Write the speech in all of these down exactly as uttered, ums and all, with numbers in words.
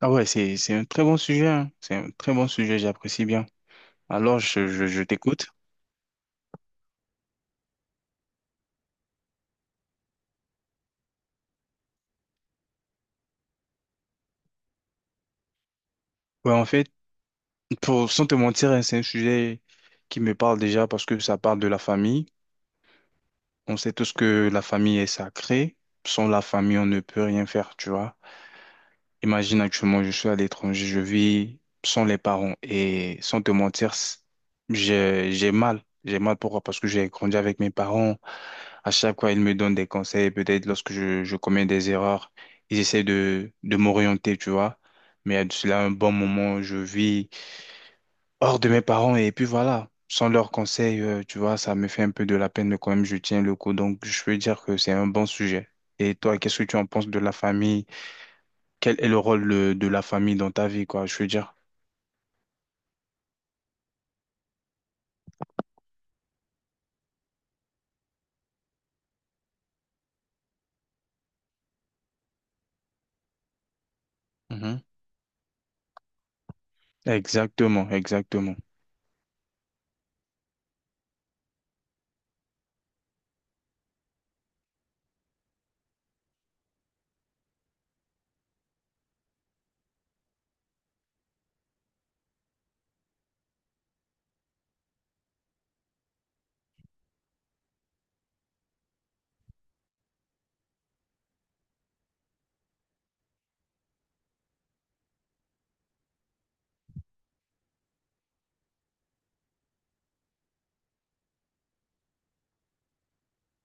Ah ouais, c'est, c'est un très bon sujet, hein. C'est un très bon sujet, j'apprécie bien. Alors, je, je, je t'écoute. Ouais, en fait, pour, sans te mentir, hein, c'est un sujet qui me parle déjà parce que ça parle de la famille. On sait tous que la famille est sacrée. Sans la famille, on ne peut rien faire, tu vois. Imagine actuellement, je suis à l'étranger, je vis sans les parents et sans te mentir, c- j'ai, j'ai mal. J'ai mal pourquoi? Parce que j'ai grandi avec mes parents. À chaque fois, ils me donnent des conseils. Peut-être lorsque je, je commets des erreurs, ils essaient de, de m'orienter, tu vois. Mais à cela, un bon moment, je vis hors de mes parents et puis voilà. Sans leurs conseils, euh, tu vois, ça me fait un peu de la peine, mais quand même, je tiens le coup. Donc, je peux dire que c'est un bon sujet. Et toi, qu'est-ce que tu en penses de la famille? Quel est le rôle euh, de la famille dans ta vie, quoi, je veux dire. Mhm. Exactement, exactement.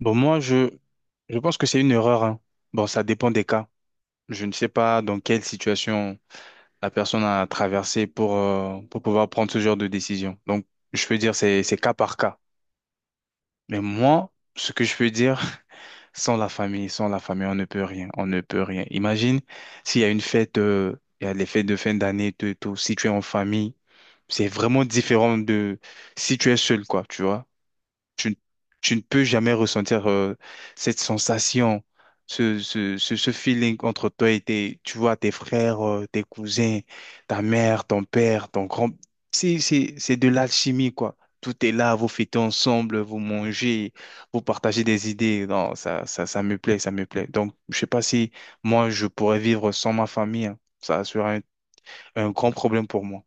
Bon, moi, je, je pense que c'est une erreur, hein. Bon, ça dépend des cas. Je ne sais pas dans quelle situation la personne a traversé pour, euh, pour pouvoir prendre ce genre de décision. Donc, je peux dire c'est c'est cas par cas. Mais moi, ce que je peux dire, sans la famille, sans la famille, on ne peut rien, on ne peut rien. Imagine s'il y a une fête, euh, il y a les fêtes de fin d'année, tout, et tout. Si tu es en famille, c'est vraiment différent de si tu es seul, quoi, tu vois. Tu, ne- Tu ne peux jamais ressentir euh, cette sensation, ce, ce, ce, ce feeling entre toi et tes, tu vois, tes frères, euh, tes cousins, ta mère, ton père, ton grand. C'est, c'est, c'est de l'alchimie, quoi. Tout est là, vous fêtez ensemble, vous mangez, vous partagez des idées. Non, ça, ça, ça me plaît, ça me plaît. Donc, je sais pas si moi, je pourrais vivre sans ma famille, hein. Ça serait un, un grand problème pour moi.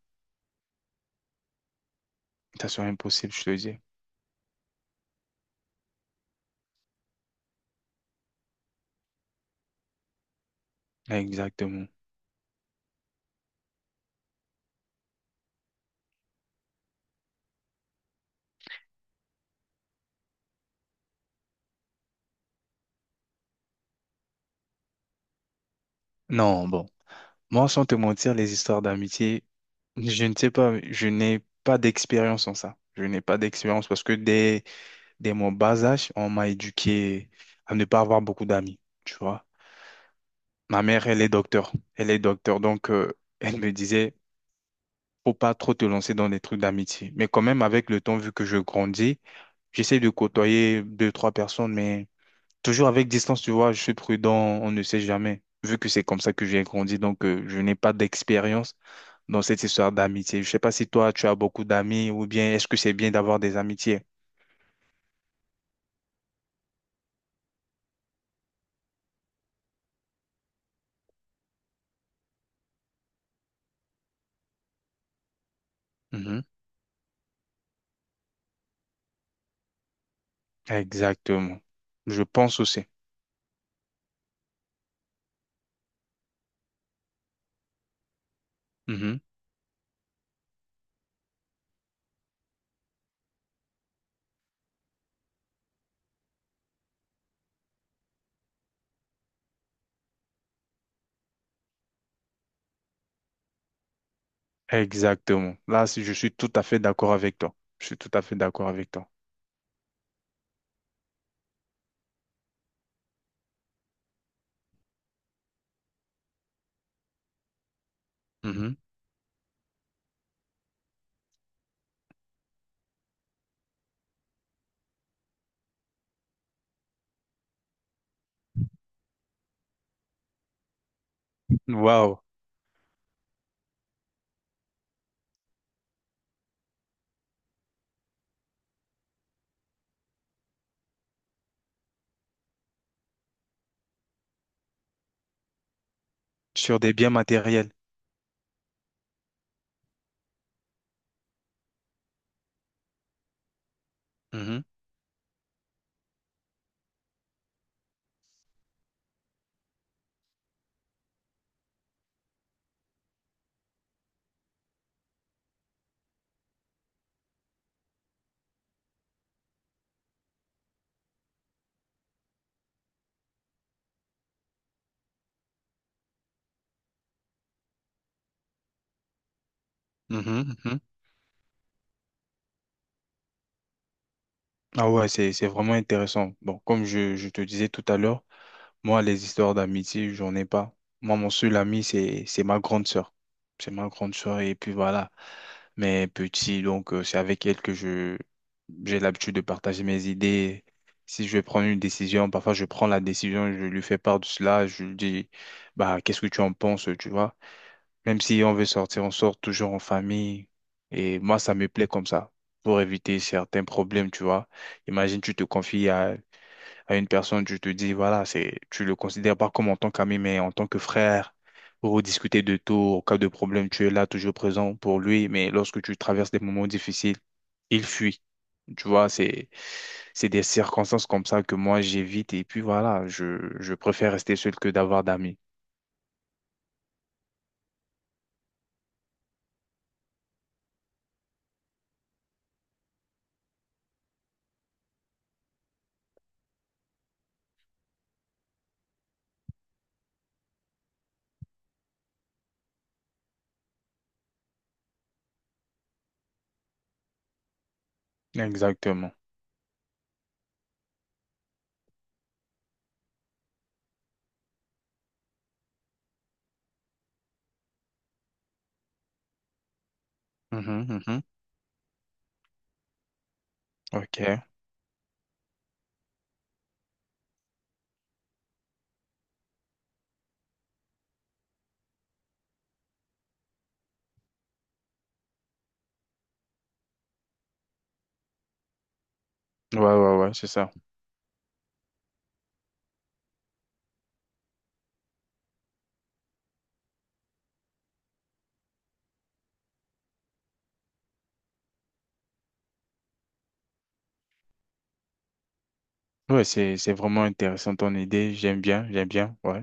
Ça serait impossible, je te le dis. Exactement. Non, bon. Moi, sans te mentir, les histoires d'amitié, je ne sais pas, je n'ai pas d'expérience en ça. Je n'ai pas d'expérience parce que dès, dès mon bas âge, on m'a éduqué à ne pas avoir beaucoup d'amis, tu vois. Ma mère, elle est docteur. Elle est docteur, donc euh, elle me disait, faut pas trop te lancer dans des trucs d'amitié. Mais quand même, avec le temps, vu que je grandis, j'essaie de côtoyer deux, trois personnes, mais toujours avec distance, tu vois, je suis prudent, on ne sait jamais. Vu que c'est comme ça que j'ai grandi, donc euh, je n'ai pas d'expérience dans cette histoire d'amitié. Je sais pas si toi, tu as beaucoup d'amis ou bien est-ce que c'est bien d'avoir des amitiés? Mhm. Exactement. Je pense aussi. Mhm. Exactement. Là, si- Je suis tout à fait d'accord avec toi. Je suis tout à fait d'accord avec toi. Mhm. Waouh. Sur des biens matériels. Mhm. Mhm. Mhm. Ah ouais, c'est, c'est vraiment intéressant. Bon, comme je, je te disais tout à l'heure, moi, les histoires d'amitié, j'en ai pas. Moi, mon seul ami, c'est c'est ma grande sœur. C'est ma grande sœur et puis voilà. Mais petit, donc euh, c'est avec elle que je j'ai l'habitude de partager mes idées. Si je vais prendre une décision, parfois je prends la décision, je lui fais part de cela, je lui dis bah qu'est-ce que tu en penses, tu vois. Même si on veut sortir, on sort toujours en famille. Et moi, ça me plaît comme ça pour éviter certains problèmes, tu vois. Imagine, tu te confies à à une personne, tu te dis, voilà, c'est, tu le considères pas comme en tant qu'ami, mais en tant que frère, pour discuter de tout, au cas de problème, tu es là, toujours présent pour lui, mais lorsque tu traverses des moments difficiles, il fuit. Tu vois, c'est, c'est des circonstances comme ça que moi j'évite, et puis voilà, je, je préfère rester seul que d'avoir d'amis. Exactement. Mhm, mhm. Ok. Ouais, ouais, ouais, c'est ça. Ouais, c'est, c'est vraiment intéressant ton idée, j'aime bien, j'aime bien, ouais.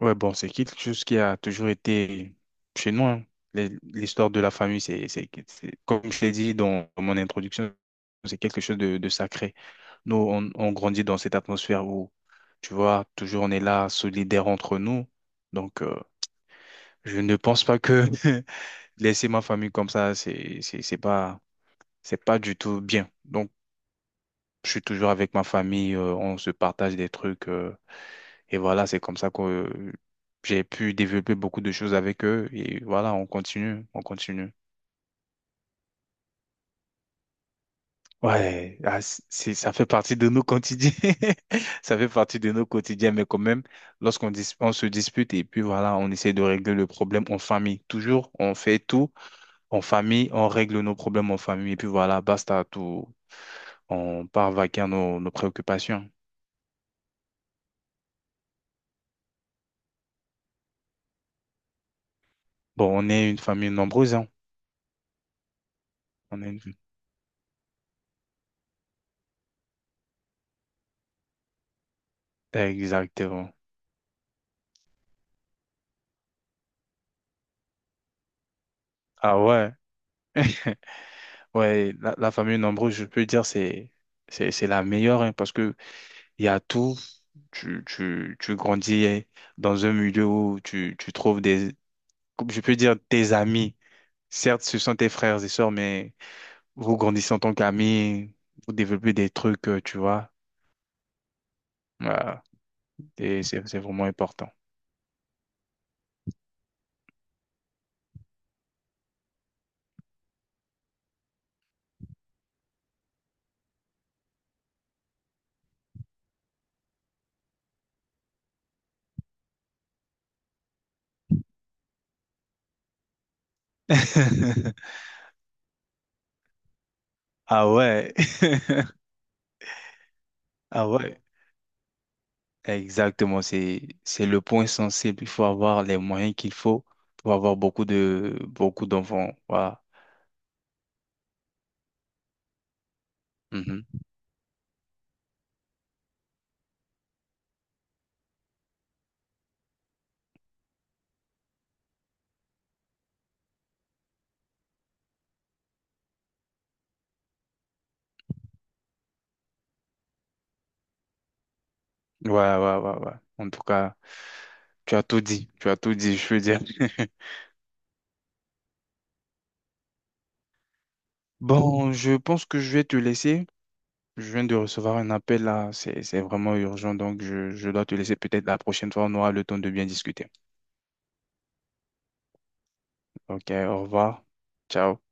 Ouais, bon, c'est quelque chose qui a toujours été chez nous, hein. Les- L'histoire de la famille, c'est, c'est, c'est- comme je l'ai dit dans mon introduction, c'est quelque chose de, de sacré. Nous, on, on grandit dans cette atmosphère où, tu vois, toujours on est là, solidaire entre nous. Donc, euh, je ne pense pas que laisser ma famille comme ça, c'est, c'est, c'est pas, c'est pas du tout bien. Donc, je suis toujours avec ma famille, euh, on se partage des trucs. euh, Et voilà, c'est comme ça que euh, j'ai pu développer beaucoup de choses avec eux. Et voilà, on continue, on continue. Ouais, ah, c- c'est, ça fait partie de nos quotidiens. Ça fait partie de nos quotidiens, mais quand même, lorsqu'on dis- on se dispute et puis voilà, on essaie de régler le problème en famille. Toujours, on fait tout en famille, on règle nos problèmes en famille et puis voilà, basta, tout. On part vaquer à nos, nos préoccupations. Bon, on est une famille nombreuse, hein. On est une- Exactement. Ah ouais. Ouais, la, la famille nombreuse, je peux dire, c'est, c'est, c'est la meilleure, hein, parce que il y a tout. Tu, tu, tu grandis hein, dans un milieu où tu, tu trouves des, comme je peux dire, tes amis. Certes, ce sont tes frères et sœurs, mais vous grandissez en tant qu'amis, vous développez des trucs, euh, tu vois. Ouais. Et c'est c'est vraiment important. Ah ouais. Ah ouais. Exactement. C'est, c'est le point sensible. Il faut avoir les moyens qu'il faut pour avoir beaucoup de, beaucoup d'enfants. Voilà. Mhm. Ouais, ouais, ouais, ouais. En tout cas. Tu as tout dit, tu as tout dit, je veux dire. Bon, je pense que je vais te laisser. Je viens de recevoir un appel là, c'est c'est vraiment urgent, donc je, je dois te laisser. Peut-être la prochaine fois, on aura le temps de bien discuter. Ok, au revoir. Ciao.